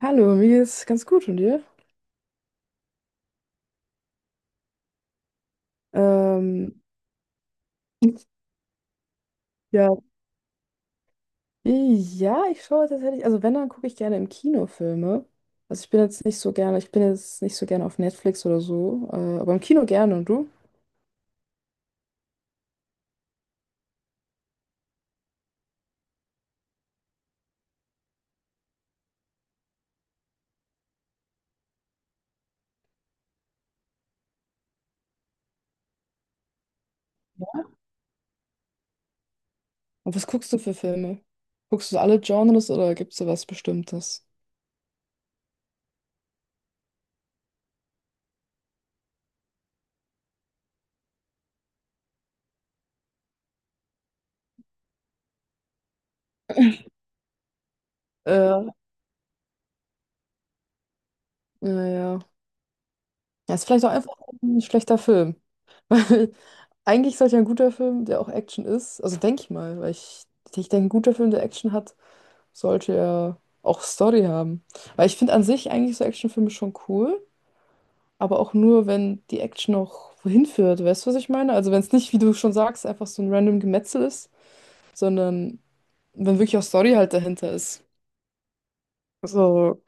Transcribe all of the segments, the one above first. Hallo, mir geht's ganz gut und dir? Ähm, ja, ja, ich schaue tatsächlich, also wenn, dann gucke ich gerne im Kino Filme. Also ich bin jetzt nicht so gerne, ich bin jetzt nicht so gerne auf Netflix oder so, aber im Kino gerne und du? Und was guckst du für Filme? Guckst du alle Genres oder gibt's da was Bestimmtes? Äh, naja. Ja, ist vielleicht auch einfach ein schlechter Film. Weil eigentlich sollte ja ein guter Film, der auch Action ist, also denke ich mal, weil ich denke, ein guter Film, der Action hat, sollte ja auch Story haben. Weil ich finde an sich eigentlich so Actionfilme schon cool, aber auch nur, wenn die Action auch wohin führt. Weißt du, was ich meine? Also wenn es nicht, wie du schon sagst, einfach so ein random Gemetzel ist, sondern wenn wirklich auch Story halt dahinter ist. So,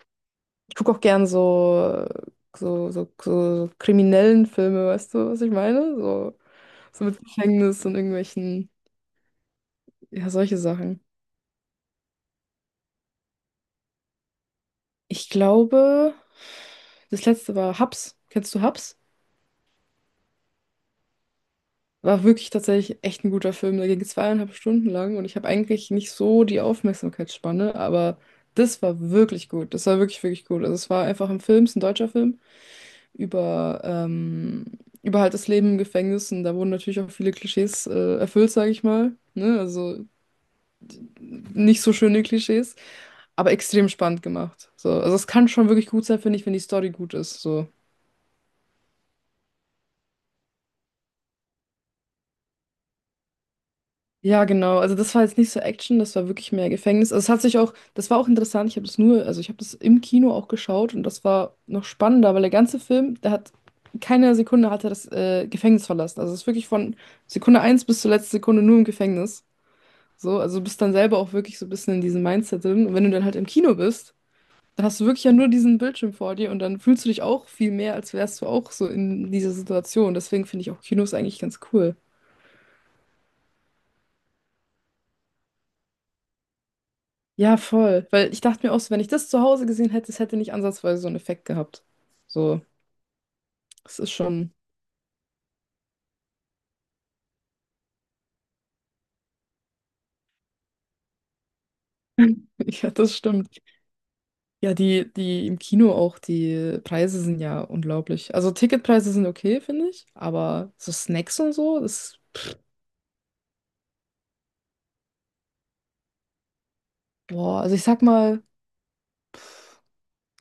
ich gucke auch gern so kriminellen Filme, weißt du, was ich meine? So mit Gefängnis und irgendwelchen, ja, solche Sachen. Ich glaube, das letzte war Hubs. Kennst du Hubs? War wirklich tatsächlich echt ein guter Film. Der ging zweieinhalb Stunden lang und ich habe eigentlich nicht so die Aufmerksamkeitsspanne, aber das war wirklich gut. Das war wirklich, wirklich gut. Also es war einfach ein Film, es ist ein deutscher Film über, ähm, über halt das Leben im Gefängnis und da wurden natürlich auch viele Klischees erfüllt, sage ich mal. Ne? Also nicht so schöne Klischees, aber extrem spannend gemacht. So. Also es kann schon wirklich gut sein, finde ich, wenn die Story gut ist. So. Ja, genau. Also das war jetzt nicht so Action, das war wirklich mehr Gefängnis. Also es hat sich auch, das war auch interessant. Ich habe das nur, also ich habe das im Kino auch geschaut und das war noch spannender, weil der ganze Film, der hat keine Sekunde hat er das Gefängnis verlassen. Also es ist wirklich von Sekunde eins bis zur letzten Sekunde nur im Gefängnis. So, also du bist dann selber auch wirklich so ein bisschen in diesem Mindset drin. Und wenn du dann halt im Kino bist, dann hast du wirklich ja nur diesen Bildschirm vor dir und dann fühlst du dich auch viel mehr, als wärst du auch so in dieser Situation. Deswegen finde ich auch Kinos eigentlich ganz cool. Ja, voll. Weil ich dachte mir auch so, wenn ich das zu Hause gesehen hätte, es hätte nicht ansatzweise so einen Effekt gehabt. So, es ist schon, ja, das stimmt. Ja, die im Kino auch, die Preise sind ja unglaublich. Also Ticketpreise sind okay, finde ich, aber so Snacks und so, das, boah, also ich sag mal,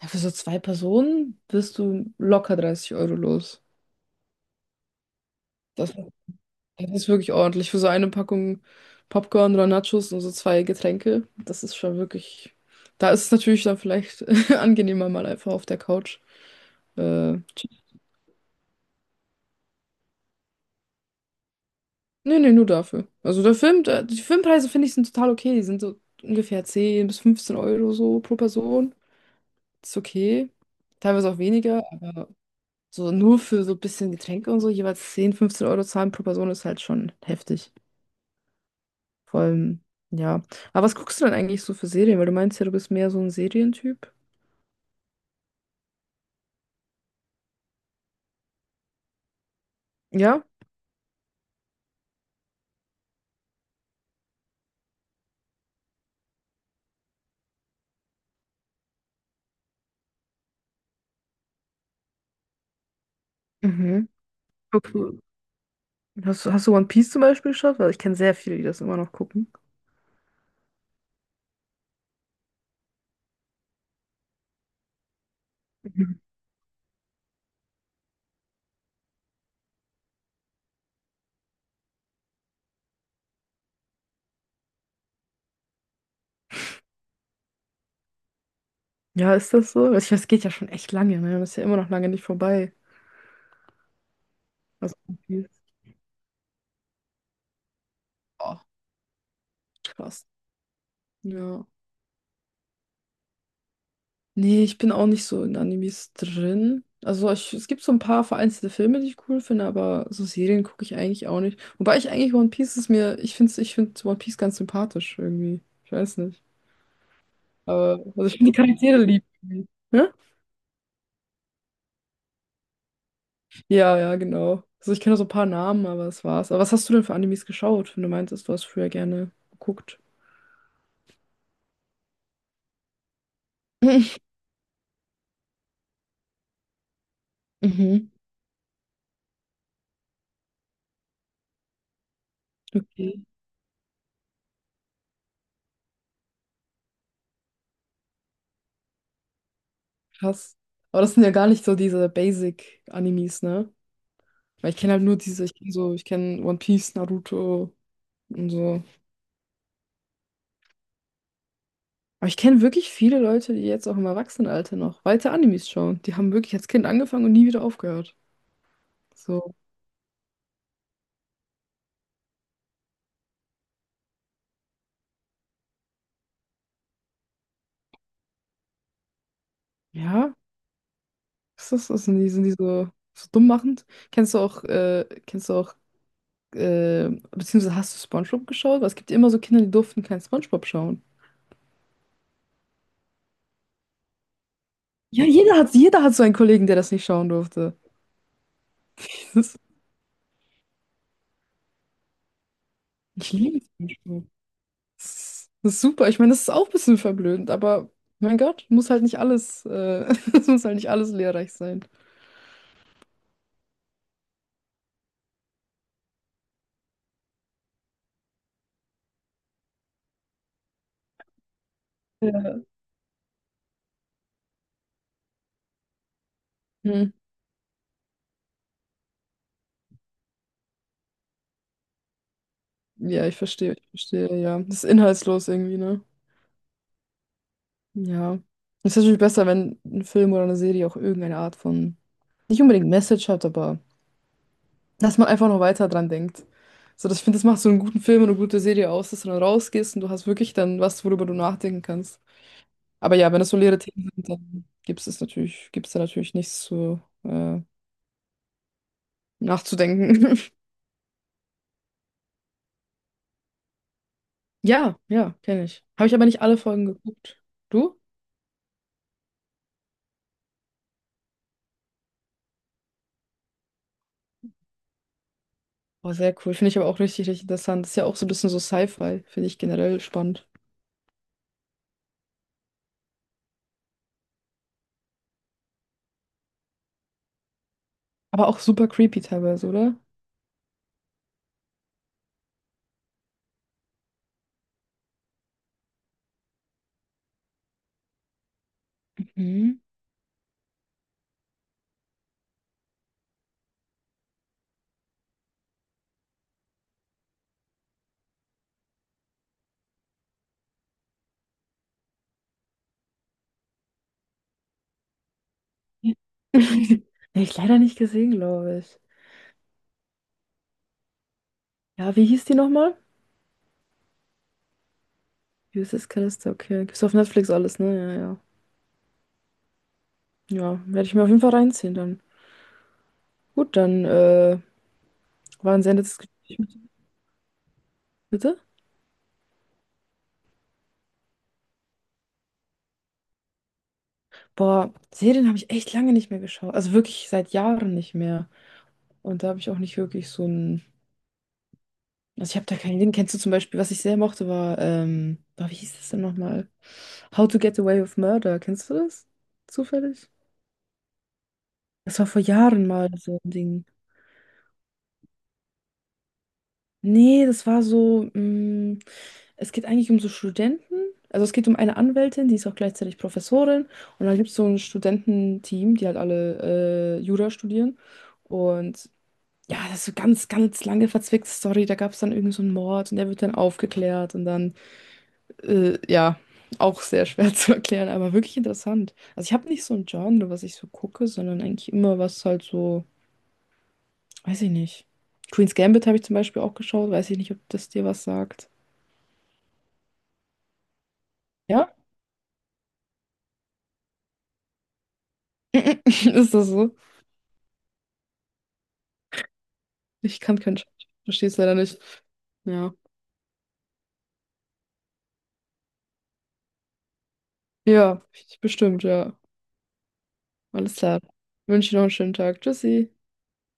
ja, für so zwei Personen bist du locker 30 Euro los. Das Das ist wirklich ordentlich. Für so eine Packung Popcorn oder Nachos und so zwei Getränke, das ist schon wirklich. Da ist es natürlich dann vielleicht angenehmer, mal einfach auf der Couch. Chips. Nee, nee, nur dafür. Also der Film, der, die Filmpreise finde ich sind total okay. Die sind so ungefähr 10 bis 15 Euro so pro Person. Ist okay. Teilweise auch weniger, aber so nur für so ein bisschen Getränke und so, jeweils 10, 15 Euro zahlen pro Person ist halt schon heftig. Vor allem, ja. Aber was guckst du denn eigentlich so für Serien? Weil du meinst ja, du bist mehr so ein Serientyp. Ja? Mhm. Okay. Hast du One Piece zum Beispiel geschaut? Weil ich kenne sehr viele, die das immer noch gucken. Mhm. Ja, ist das so? Ich weiß, es geht ja schon echt lange, ne? Das ist ja immer noch lange nicht vorbei. Also, One Piece. Oh, krass. Ja. Nee, ich bin auch nicht so in Animes drin. Also ich, es gibt so ein paar vereinzelte Filme, die ich cool finde, aber so Serien gucke ich eigentlich auch nicht. Wobei ich eigentlich One Piece ist mir, ich find One Piece ganz sympathisch irgendwie. Ich weiß nicht. Aber, also ich finde die Charaktere lieb, irgendwie. Hä? Ja, ja, genau. Also ich kenne so ein paar Namen, aber das war's. Aber was hast du denn für Animes geschaut, wenn du meintest, du hast früher gerne geguckt? Mhm. Okay, krass. Aber das sind ja gar nicht so diese Basic-Animes, ne? Weil ich kenne halt nur diese, ich kenne so, ich kenne One Piece, Naruto und so. Aber ich kenne wirklich viele Leute, die jetzt auch im Erwachsenenalter noch weiter Animes schauen. Die haben wirklich als Kind angefangen und nie wieder aufgehört. So, ja, was ist das? Sind die so dumm machend? Beziehungsweise hast du SpongeBob geschaut? Weil es gibt ja immer so Kinder, die durften kein SpongeBob schauen. Ja, jeder hat so einen Kollegen, der das nicht schauen durfte. Das, ich liebe SpongeBob. Das ist super. Ich meine, das ist auch ein bisschen verblödend, aber mein Gott, muss halt nicht alles, es muss halt nicht alles lehrreich sein. Ja. Hm. Ja, ich verstehe, ja. Das ist inhaltslos irgendwie, ne? Ja. Es ist natürlich besser, wenn ein Film oder eine Serie auch irgendeine Art von nicht unbedingt Message hat, aber dass man einfach noch weiter dran denkt. So, das, ich finde, das macht so einen guten Film und eine gute Serie aus, dass du dann rausgehst und du hast wirklich dann was, worüber du nachdenken kannst. Aber ja, wenn das so leere Themen sind, dann gibt es da natürlich nichts zu nachzudenken. Ja, ja, kenne ich. Habe ich aber nicht alle Folgen geguckt. Du? Oh, sehr cool. Finde ich aber auch richtig, richtig interessant. Ist ja auch so ein bisschen so Sci-Fi. Finde ich generell spannend. Aber auch super creepy teilweise, oder? Mhm. Habe ich leider nicht gesehen, glaube ich. Ja, wie hieß die nochmal? USS Callister, okay. Gibt's auf Netflix alles, ne? Ja, ja. Ja, werde ich mir auf jeden Fall reinziehen dann. Gut, dann war ein sehr nettes Gespräch mit dir. Bitte? Boah, Serien habe ich echt lange nicht mehr geschaut. Also wirklich seit Jahren nicht mehr. Und da habe ich auch nicht wirklich so ein. Also ich habe da keinen Ding. Kennst du zum Beispiel, was ich sehr mochte, war, boah, wie hieß das denn nochmal? How to Get Away with Murder. Kennst du das? Zufällig? Das war vor Jahren mal so ein Ding. Nee, das war so. Mh, es geht eigentlich um so Studenten. Also es geht um eine Anwältin, die ist auch gleichzeitig Professorin. Und dann gibt es so ein Studententeam, die halt alle Jura studieren. Und ja, das ist so ganz, ganz lange verzwickte Story. Da gab es dann irgendwie so einen Mord und der wird dann aufgeklärt. Und dann, ja, auch sehr schwer zu erklären, aber wirklich interessant. Also ich habe nicht so ein Genre, was ich so gucke, sondern eigentlich immer was halt so, weiß ich nicht. Queen's Gambit habe ich zum Beispiel auch geschaut. Weiß ich nicht, ob das dir was sagt. Ja? Ist das so? Ich kann kein Schwedisch. Verstehe es leider nicht. Ja. Ja, bestimmt, ja. Alles klar. Wünsche dir noch einen schönen Tag. Tschüssi.